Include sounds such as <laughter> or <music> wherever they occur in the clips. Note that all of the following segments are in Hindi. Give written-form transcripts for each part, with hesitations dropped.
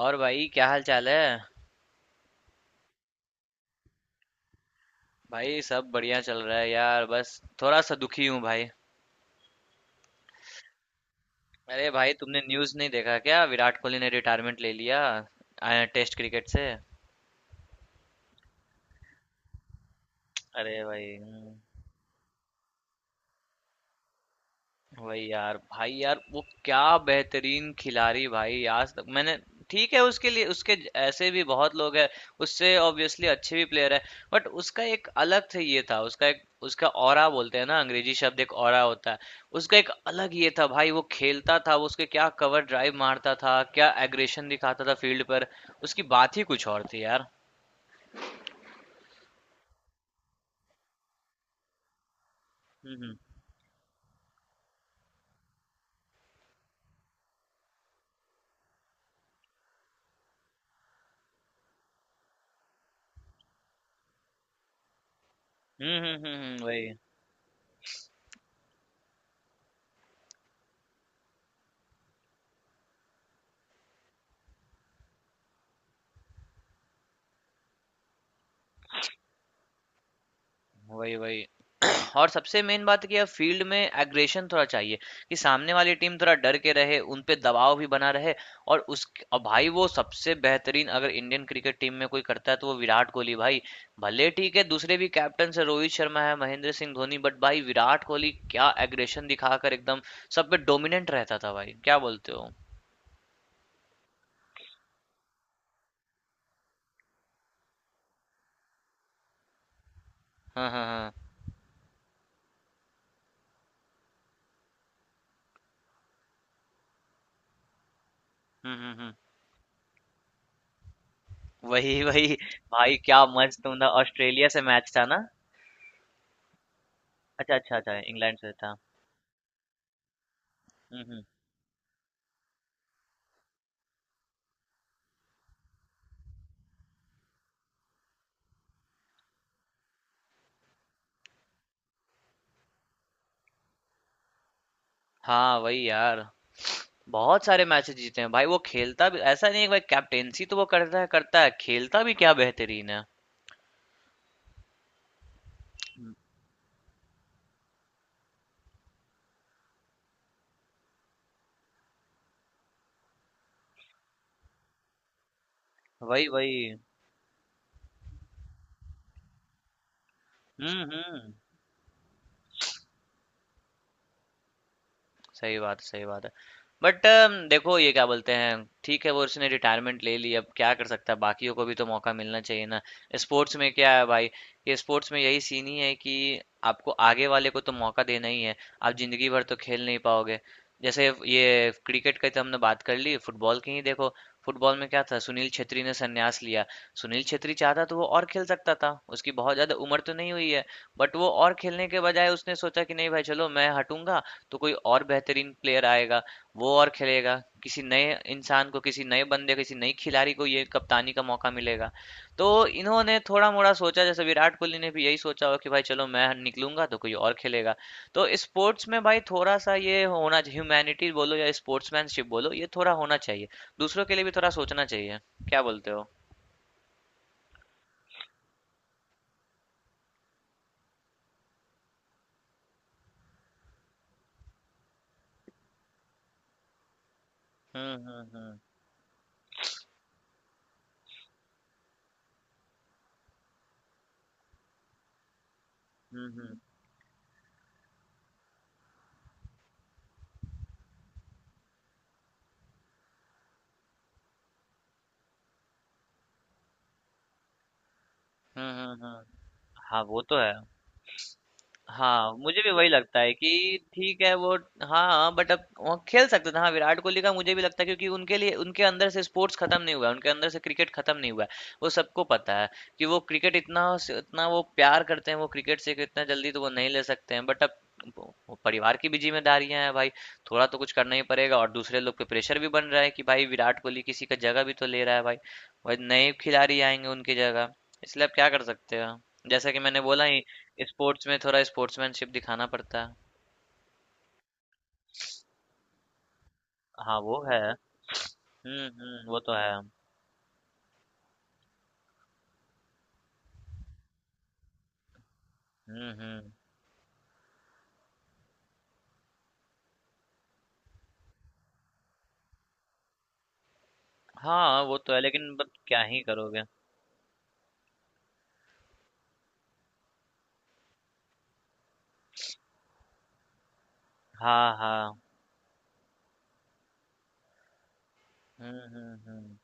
और भाई क्या हाल चाल है? भाई सब बढ़िया चल रहा है यार, बस थोड़ा सा दुखी हूँ भाई। अरे भाई, तुमने न्यूज़ नहीं देखा क्या? विराट कोहली ने रिटायरमेंट ले लिया टेस्ट क्रिकेट से। अरे भाई, वही यार भाई, यार वो क्या बेहतरीन खिलाड़ी भाई, आज तक मैंने। ठीक है, उसके लिए उसके ऐसे भी बहुत लोग हैं, उससे ऑब्वियसली अच्छे भी प्लेयर है बट उसका एक अलग से ये था, उसका एक उसका ऑरा बोलते हैं ना, अंग्रेजी शब्द एक ऑरा होता है। उसका एक अलग ये था भाई, वो खेलता था, वो उसके क्या कवर ड्राइव मारता था, क्या एग्रेशन दिखाता था फील्ड पर। उसकी बात ही कुछ और थी यार। हम्म वही वही वही। और सबसे मेन बात कि अब फील्ड में एग्रेशन थोड़ा चाहिए, कि सामने वाली टीम थोड़ा डर के रहे, उन पे दबाव भी बना रहे। और उस, और भाई वो सबसे बेहतरीन, अगर इंडियन क्रिकेट टीम में कोई करता है तो वो विराट कोहली भाई। भले ठीक है, दूसरे भी कैप्टन से रोहित शर्मा है, महेंद्र सिंह धोनी, बट भाई विराट कोहली क्या एग्रेशन दिखाकर एकदम सब पे डोमिनेंट रहता था भाई, क्या बोलते हो? हाँ हाँ हाँ। हम्म, वही वही। भाई क्या मस्त, मतलब ऑस्ट्रेलिया से मैच था ना? अच्छा अच्छा अच्छा, इंग्लैंड से था। हम्म। हाँ वही यार, बहुत सारे मैचेस जीते हैं भाई। वो खेलता भी, ऐसा नहीं है कि भाई कैप्टेंसी तो वो करता है करता है, खेलता भी क्या बेहतरीन है। वही वही। हम्म। सही बात है, सही बात है। बट देखो, ये क्या बोलते हैं, ठीक है वो उसने रिटायरमेंट ले ली, अब क्या कर सकता है, बाकियों को भी तो मौका मिलना चाहिए ना। स्पोर्ट्स में क्या है भाई, ये स्पोर्ट्स में यही सीन ही है कि आपको आगे वाले को तो मौका देना ही है। आप जिंदगी भर तो खेल नहीं पाओगे। जैसे ये क्रिकेट की तो हमने बात कर ली, फुटबॉल की ही देखो। फुटबॉल में क्या था, सुनील छेत्री ने संन्यास लिया। सुनील छेत्री चाहता तो वो और खेल सकता था, उसकी बहुत ज्यादा उम्र तो नहीं हुई है। बट वो और खेलने के बजाय उसने सोचा कि नहीं भाई, चलो मैं हटूंगा तो कोई और बेहतरीन प्लेयर आएगा, वो और खेलेगा, किसी नए इंसान को, किसी नए बंदे, किसी नई खिलाड़ी को ये कप्तानी का मौका मिलेगा। तो इन्होंने थोड़ा-मोड़ा सोचा, जैसे विराट कोहली ने भी यही सोचा होगा कि भाई चलो मैं निकलूंगा तो कोई और खेलेगा। तो स्पोर्ट्स में भाई थोड़ा-सा ये होना चाहिए, ह्यूमैनिटी बोलो या स्पोर्ट्समैनशिप बोलो, ये थोड़ा होना चाहिए। दूसरों के लिए भी थोड़ा सोचना चाहिए। क्या बोलते हो? हुँ, हुँ, हुँ। हुँ, हुँ। हुँ, हुँ, हुँ। हाँ, वो तो है। हाँ, मुझे भी वही लगता है कि ठीक है वो। हाँ बट अब वो खेल सकते थे, हाँ विराट कोहली का मुझे भी लगता है, क्योंकि उनके लिए उनके अंदर से स्पोर्ट्स खत्म नहीं हुआ है, उनके अंदर से क्रिकेट खत्म नहीं हुआ है। वो सबको पता है कि वो क्रिकेट इतना इतना वो प्यार करते हैं, वो क्रिकेट से कि इतना जल्दी तो वो नहीं ले सकते हैं। बट अब वो परिवार की भी जिम्मेदारियां हैं भाई, थोड़ा तो कुछ करना ही पड़ेगा, और दूसरे लोग पे प्रेशर भी बन रहा है कि भाई विराट कोहली किसी का जगह भी तो ले रहा है भाई। भाई नए खिलाड़ी आएंगे उनकी जगह। इसलिए अब क्या कर सकते हैं, जैसा कि मैंने बोला ही, स्पोर्ट्स में थोड़ा स्पोर्ट्समैनशिप दिखाना पड़ता है। हाँ, वो है। हुँ, हुँ, वो तो है। हुँ, हुँ। हाँ, वो तो है लेकिन बट क्या ही करोगे? हाँ, हाँ। हुँ, हुँ, हुँ।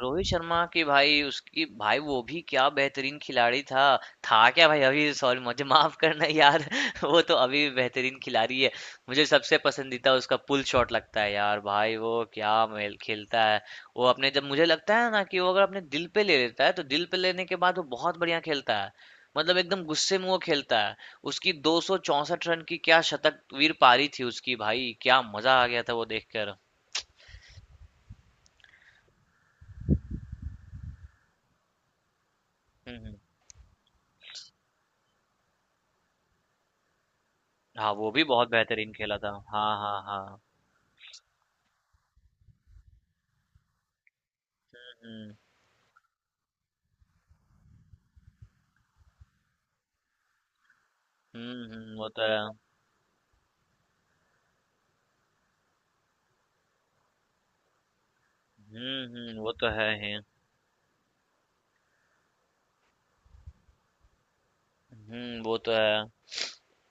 रोहित शर्मा की भाई, उसकी भाई वो भी क्या बेहतरीन खिलाड़ी था। था क्या भाई, अभी सॉरी मुझे माफ करना यार <laughs> वो तो अभी भी बेहतरीन खिलाड़ी है। मुझे सबसे पसंदीदा उसका पुल शॉट लगता है यार भाई, वो क्या मेल खेलता है। वो अपने, जब मुझे लगता है ना कि वो अगर अपने दिल पे ले लेता है, तो दिल पे लेने के बाद वो बहुत बढ़िया खेलता है, मतलब एकदम गुस्से में वो खेलता है। उसकी 264 रन की क्या शतक वीर पारी थी उसकी भाई, क्या मजा आ गया था वो देखकर। हम्म हम्म। हाँ वो भी बहुत बेहतरीन खेला था, हाँ हाँ हाँ। हम्म वो तो है। हम्म, वो तो है ही। हम्म, वो तो है।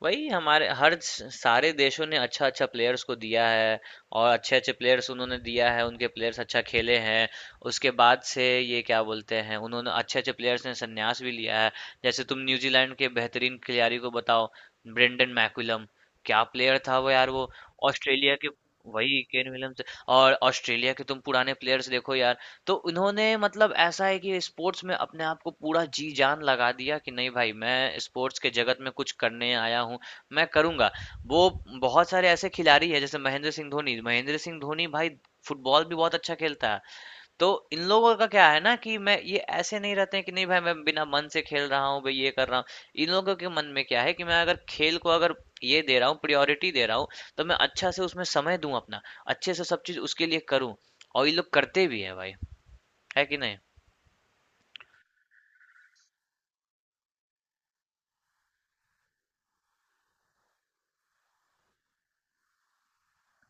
वही हमारे हर सारे देशों ने अच्छा अच्छा प्लेयर्स को दिया है, और अच्छे अच्छे प्लेयर्स उन्होंने दिया है, उनके प्लेयर्स अच्छा खेले हैं। उसके बाद से ये क्या बोलते हैं, उन्होंने अच्छे अच्छे प्लेयर्स ने संन्यास भी लिया है। जैसे तुम न्यूजीलैंड के बेहतरीन खिलाड़ी को बताओ, ब्रेंडन मैकुलम, क्या प्लेयर था वो यार वो। ऑस्ट्रेलिया के, वही केन विलियम्स। और ऑस्ट्रेलिया के तुम पुराने प्लेयर्स देखो यार, तो उन्होंने, मतलब ऐसा है कि स्पोर्ट्स में अपने आप को पूरा जी जान लगा दिया कि नहीं भाई, मैं स्पोर्ट्स के जगत में कुछ करने आया हूँ, मैं करूँगा। वो बहुत सारे ऐसे खिलाड़ी हैं, जैसे महेंद्र सिंह धोनी, महेंद्र सिंह धोनी भाई फुटबॉल भी बहुत अच्छा खेलता है। तो इन लोगों का क्या है ना, कि मैं, ये ऐसे नहीं रहते हैं कि नहीं भाई मैं बिना मन से खेल रहा हूँ भाई, ये कर रहा हूँ। इन लोगों के मन में क्या है कि मैं अगर खेल को अगर ये दे रहा हूँ, प्रायोरिटी दे रहा हूँ, तो मैं अच्छा से उसमें समय दूं अपना, अच्छे से सब चीज उसके लिए करूँ। और ये लोग करते भी हैं भाई, है कि नहीं?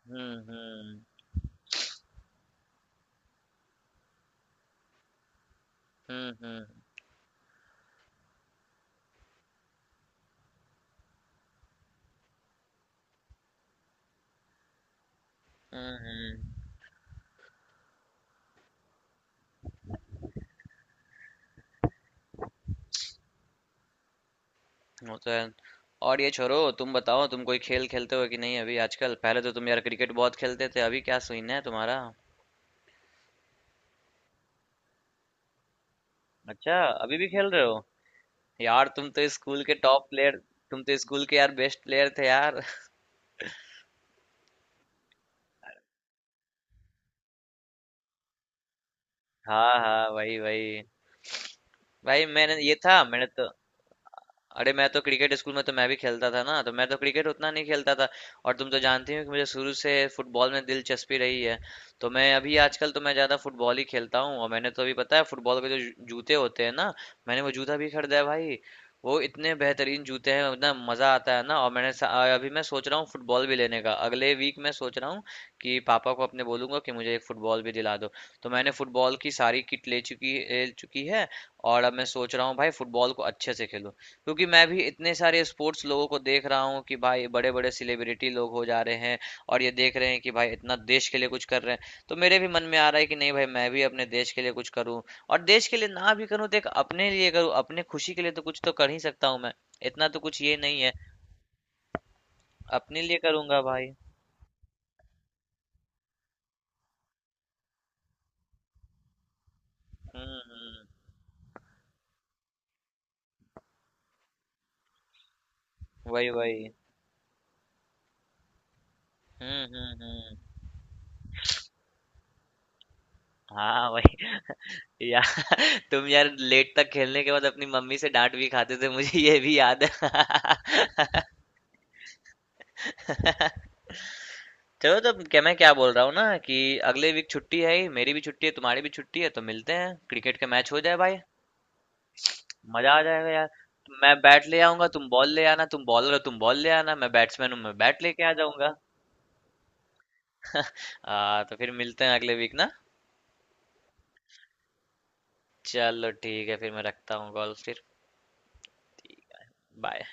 हम्म हम्म हम्म हम्म हम्म, वो तो है। और ये छोरो, तुम बताओ तुम कोई खेल खेलते हो कि नहीं अभी आजकल? पहले तो तुम यार क्रिकेट बहुत खेलते थे, अभी क्या सीन है तुम्हारा? अच्छा, अभी भी खेल रहे हो। यार तुम तो स्कूल के टॉप प्लेयर, तुम तो स्कूल के यार बेस्ट प्लेयर थे यार <laughs> हाँ हाँ, वही वही। भाई मैंने ये था, मैंने तो, अरे मैं तो क्रिकेट स्कूल में तो मैं भी खेलता था ना, तो मैं तो क्रिकेट उतना नहीं खेलता था। और तुम तो जानती हो कि मुझे शुरू से फुटबॉल में दिलचस्पी रही है, तो मैं अभी आजकल तो मैं ज़्यादा फुटबॉल ही खेलता हूँ। और मैंने तो अभी, पता है, फुटबॉल के जो जूते होते हैं ना, मैंने वो जूता भी खरीदा है भाई। वो इतने बेहतरीन जूते हैं, इतना मज़ा आता है ना। और मैंने अभी मैं सोच रहा हूँ फुटबॉल भी लेने का, अगले वीक मैं सोच रहा हूँ कि पापा को अपने बोलूंगा कि मुझे एक फुटबॉल भी दिला दो। तो मैंने फुटबॉल की सारी किट ले चुकी है। और अब मैं सोच रहा हूँ भाई फुटबॉल को अच्छे से खेलूं, क्योंकि मैं भी इतने सारे स्पोर्ट्स लोगों को देख रहा हूँ कि भाई बड़े बड़े सेलिब्रिटी लोग हो जा रहे हैं, और ये देख रहे हैं कि भाई इतना देश के लिए कुछ कर रहे हैं, तो मेरे भी मन में आ रहा है कि नहीं भाई मैं भी अपने देश के लिए कुछ करूँ। और देश के लिए ना भी करूँ, तो एक अपने लिए करूँ, अपने खुशी के लिए तो कुछ तो कर ही सकता हूँ मैं, इतना तो कुछ ये नहीं है। अपने लिए करूंगा भाई। हम्म हम्म, वही वही। हम्म। हाँ, वही यार <laughs> तुम यार लेट तक खेलने के बाद अपनी मम्मी से डांट भी खाते थे, मुझे ये भी याद है <laughs> चलो, तो क्या मैं क्या बोल रहा हूँ ना, कि अगले वीक छुट्टी है ही, मेरी भी छुट्टी है, तुम्हारी भी छुट्टी है, तो मिलते हैं, क्रिकेट का मैच हो जाए भाई। मजा आ जाएगा यार। मैं बैट ले आऊंगा, तुम बॉल ले आना, तुम बॉलर हो, तुम बॉल ले आना, मैं बैट्समैन हूँ, मैं बैट लेके आ जाऊंगा। तो फिर मिलते हैं अगले वीक ना। चलो ठीक है, फिर मैं रखता हूँ कॉल फिर। बाय।